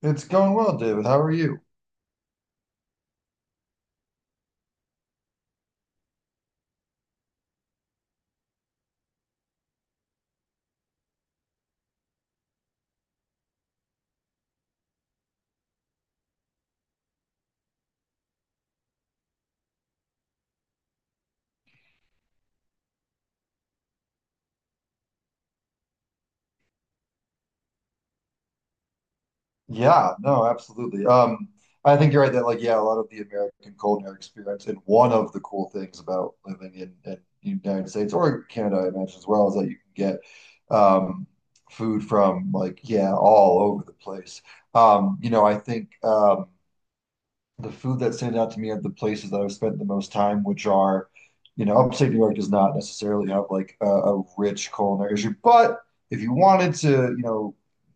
It's going well, David. How are you? Yeah, no, absolutely. I think you're right that like yeah, a lot of the American culinary experience, and one of the cool things about living in the United States or Canada, I imagine as well, is that you can get um food from, like, yeah, all over the place. I think the food that stands out to me are the places that I've spent the most time, which are, you know, upstate New York does not necessarily have like a rich culinary issue. But if you wanted to, you know,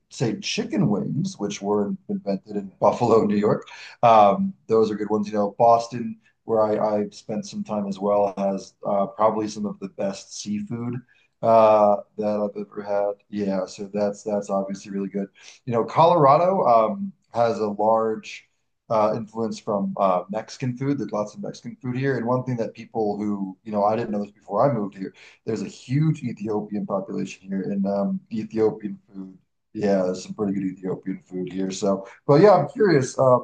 say chicken wings, which were invented in Buffalo, New York, those are good ones. You know, Boston, where I spent some time as well, has probably some of the best seafood that I've ever had. Yeah, so that's obviously really good. You know, Colorado has a large influence from Mexican food. There's lots of Mexican food here. And one thing that people who, you know, I didn't know this before I moved here, there's a huge Ethiopian population here, and Ethiopian food. Yeah, there's some pretty good Ethiopian food here. So, but yeah, I'm curious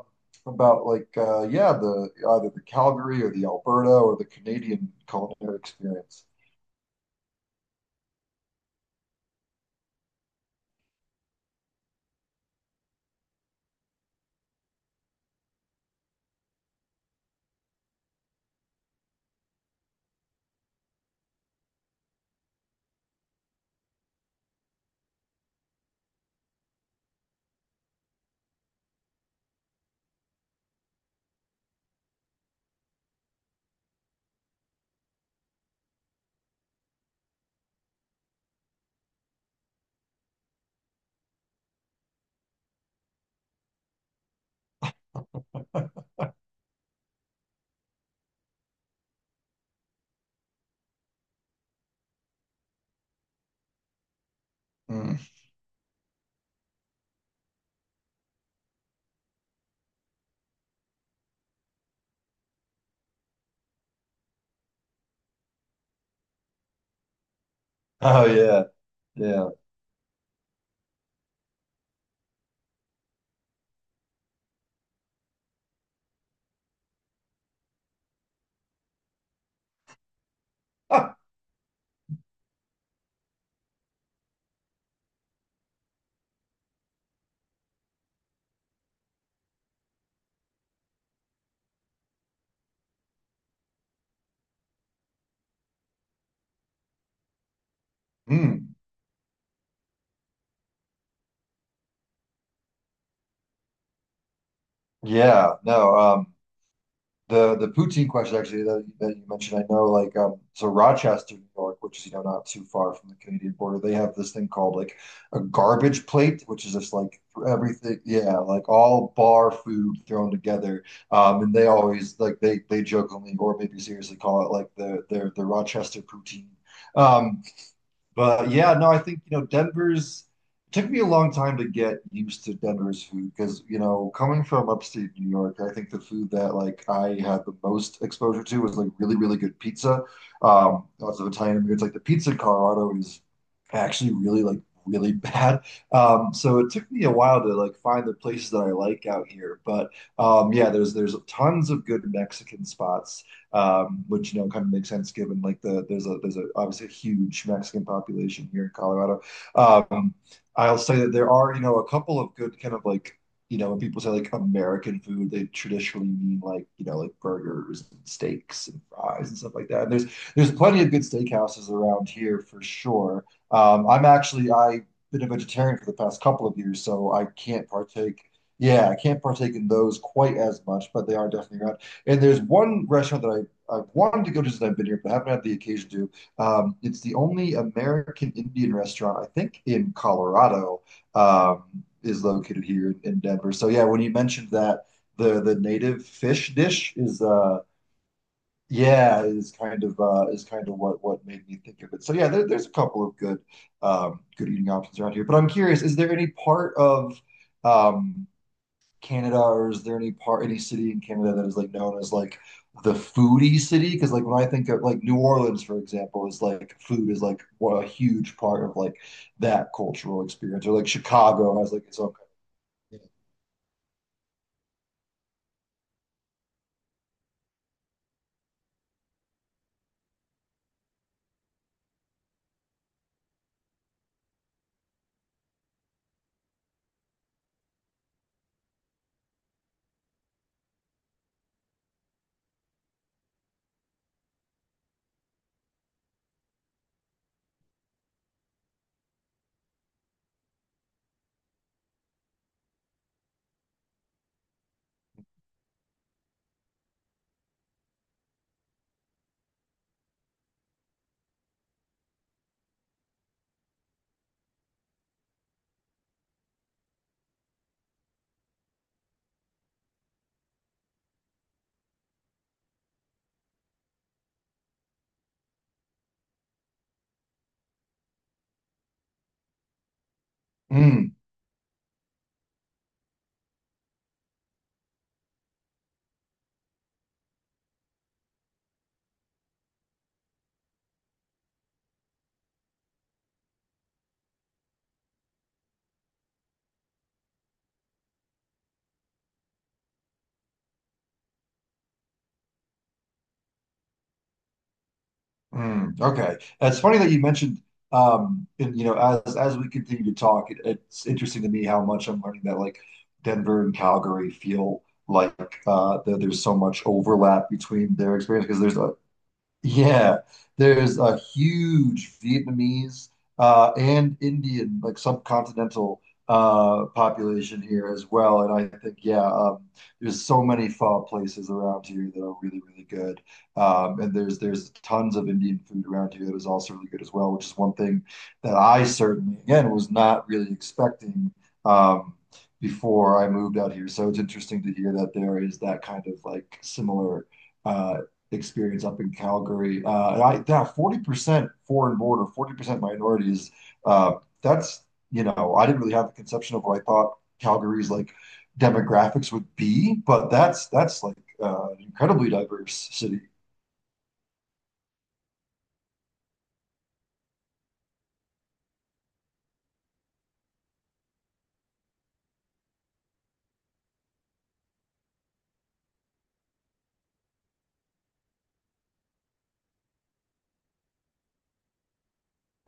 about like, yeah, the either the Calgary or the Alberta or the Canadian culinary experience. Mm. Oh yeah, yeah. Ah, mm. Yeah, no. The poutine question actually that you mentioned, I know, like, so Rochester, New York, which is, you know, not too far from the Canadian border, they have this thing called like a garbage plate, which is just like everything, yeah, like all bar food thrown together. And they always like they jokingly or maybe seriously call it like the Rochester poutine. Um, but yeah, no, I think, you know, Denver's it took me a long time to get used to Denver's food because, you know, coming from upstate New York, I think the food that, like, I had the most exposure to was like really, really good pizza. Lots of Italian immigrants. Like the pizza in Colorado is actually really, like, really bad. So it took me a while to like find the places that I like out here. But yeah, there's tons of good Mexican spots, which, you know, kind of makes sense given like the there's a obviously a huge Mexican population here in Colorado. Um, I'll say that there are, you know, a couple of good kind of like, you know, when people say like American food, they traditionally mean like, you know, like burgers and steaks and fries and stuff like that. And there's plenty of good steakhouses around here for sure. I've been a vegetarian for the past couple of years, so I can't partake. Yeah, I can't partake in those quite as much, but they are definitely around. And there's one restaurant that I've wanted to go to here, but haven't had the occasion to. It's the only American Indian restaurant, I think, in Colorado, um, is located here in Denver. So yeah, when you mentioned that the native fish dish is yeah is kind of what made me think of it. So yeah, there, there's a couple of good good eating options around here. But I'm curious, is there any part of um Canada, or is there any part, any city in Canada that is like known as like the foodie city? Because like when I think of like New Orleans, for example, is like food is like what a huge part of like that cultural experience, or like Chicago has like its own. Mm, mm, okay. It's funny that you mentioned, and, you know, as we continue to talk, it, it's interesting to me how much I'm learning that like Denver and Calgary feel like that there's so much overlap between their experience, because there's a, yeah, there's a huge Vietnamese and Indian, like subcontinental population here as well. And I think, yeah, there's so many pho places around here that are really, really good. And there's tons of Indian food around here that is also really good as well, which is one thing that I certainly, again, was not really expecting um, before I moved out here. So it's interesting to hear that there is that kind of like similar. uh, experience up in Calgary. And I, yeah, 40% foreign border, 40% minorities. Uh, that's, you know, I didn't really have a conception of what I thought Calgary's like demographics would be, but that's like an incredibly diverse city.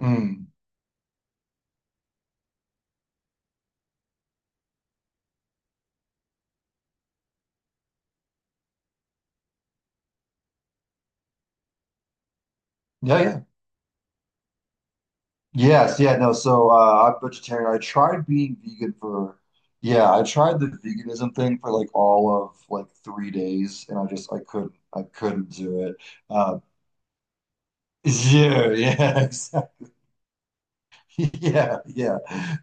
Mm. Yeah, yeah. Yes, yeah, no. So I'm vegetarian. I tried being vegan for, yeah, I tried the veganism thing for like all of like 3 days, and I just I couldn't do it. Uh, yeah, yeah, exactly. Yeah, yeah.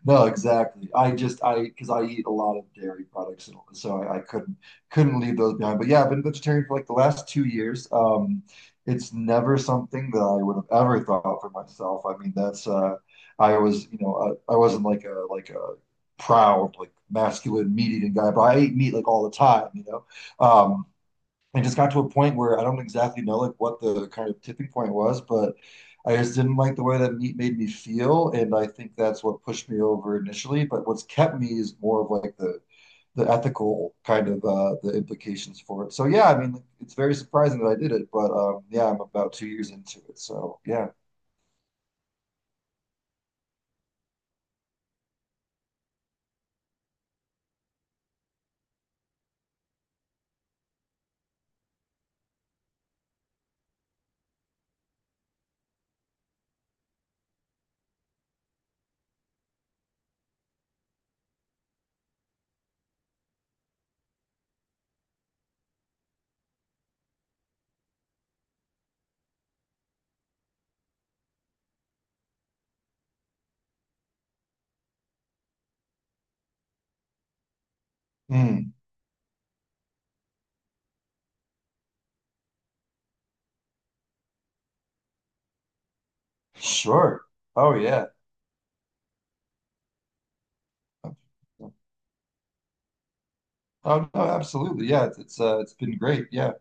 No, exactly. I just I because I eat a lot of dairy products, and so I couldn't leave those behind. But yeah, I've been vegetarian for like the last 2 years. It's never something that I would have ever thought for myself. I mean, that's I was, you know, I wasn't like a proud like masculine meat eating guy, but I ate meat like all the time, you know. Um, I just got to a point where I don't exactly know like what the kind of tipping point was, but I just didn't like the way that meat made me feel, and I think that's what pushed me over initially. But what's kept me is more of like the ethical kind of the implications for it. So yeah, I mean, it's very surprising that I did it, but yeah, I'm about 2 years into it, so yeah. Mm, sure. Oh yeah. Oh no, absolutely. Yeah, it's been great. Yeah.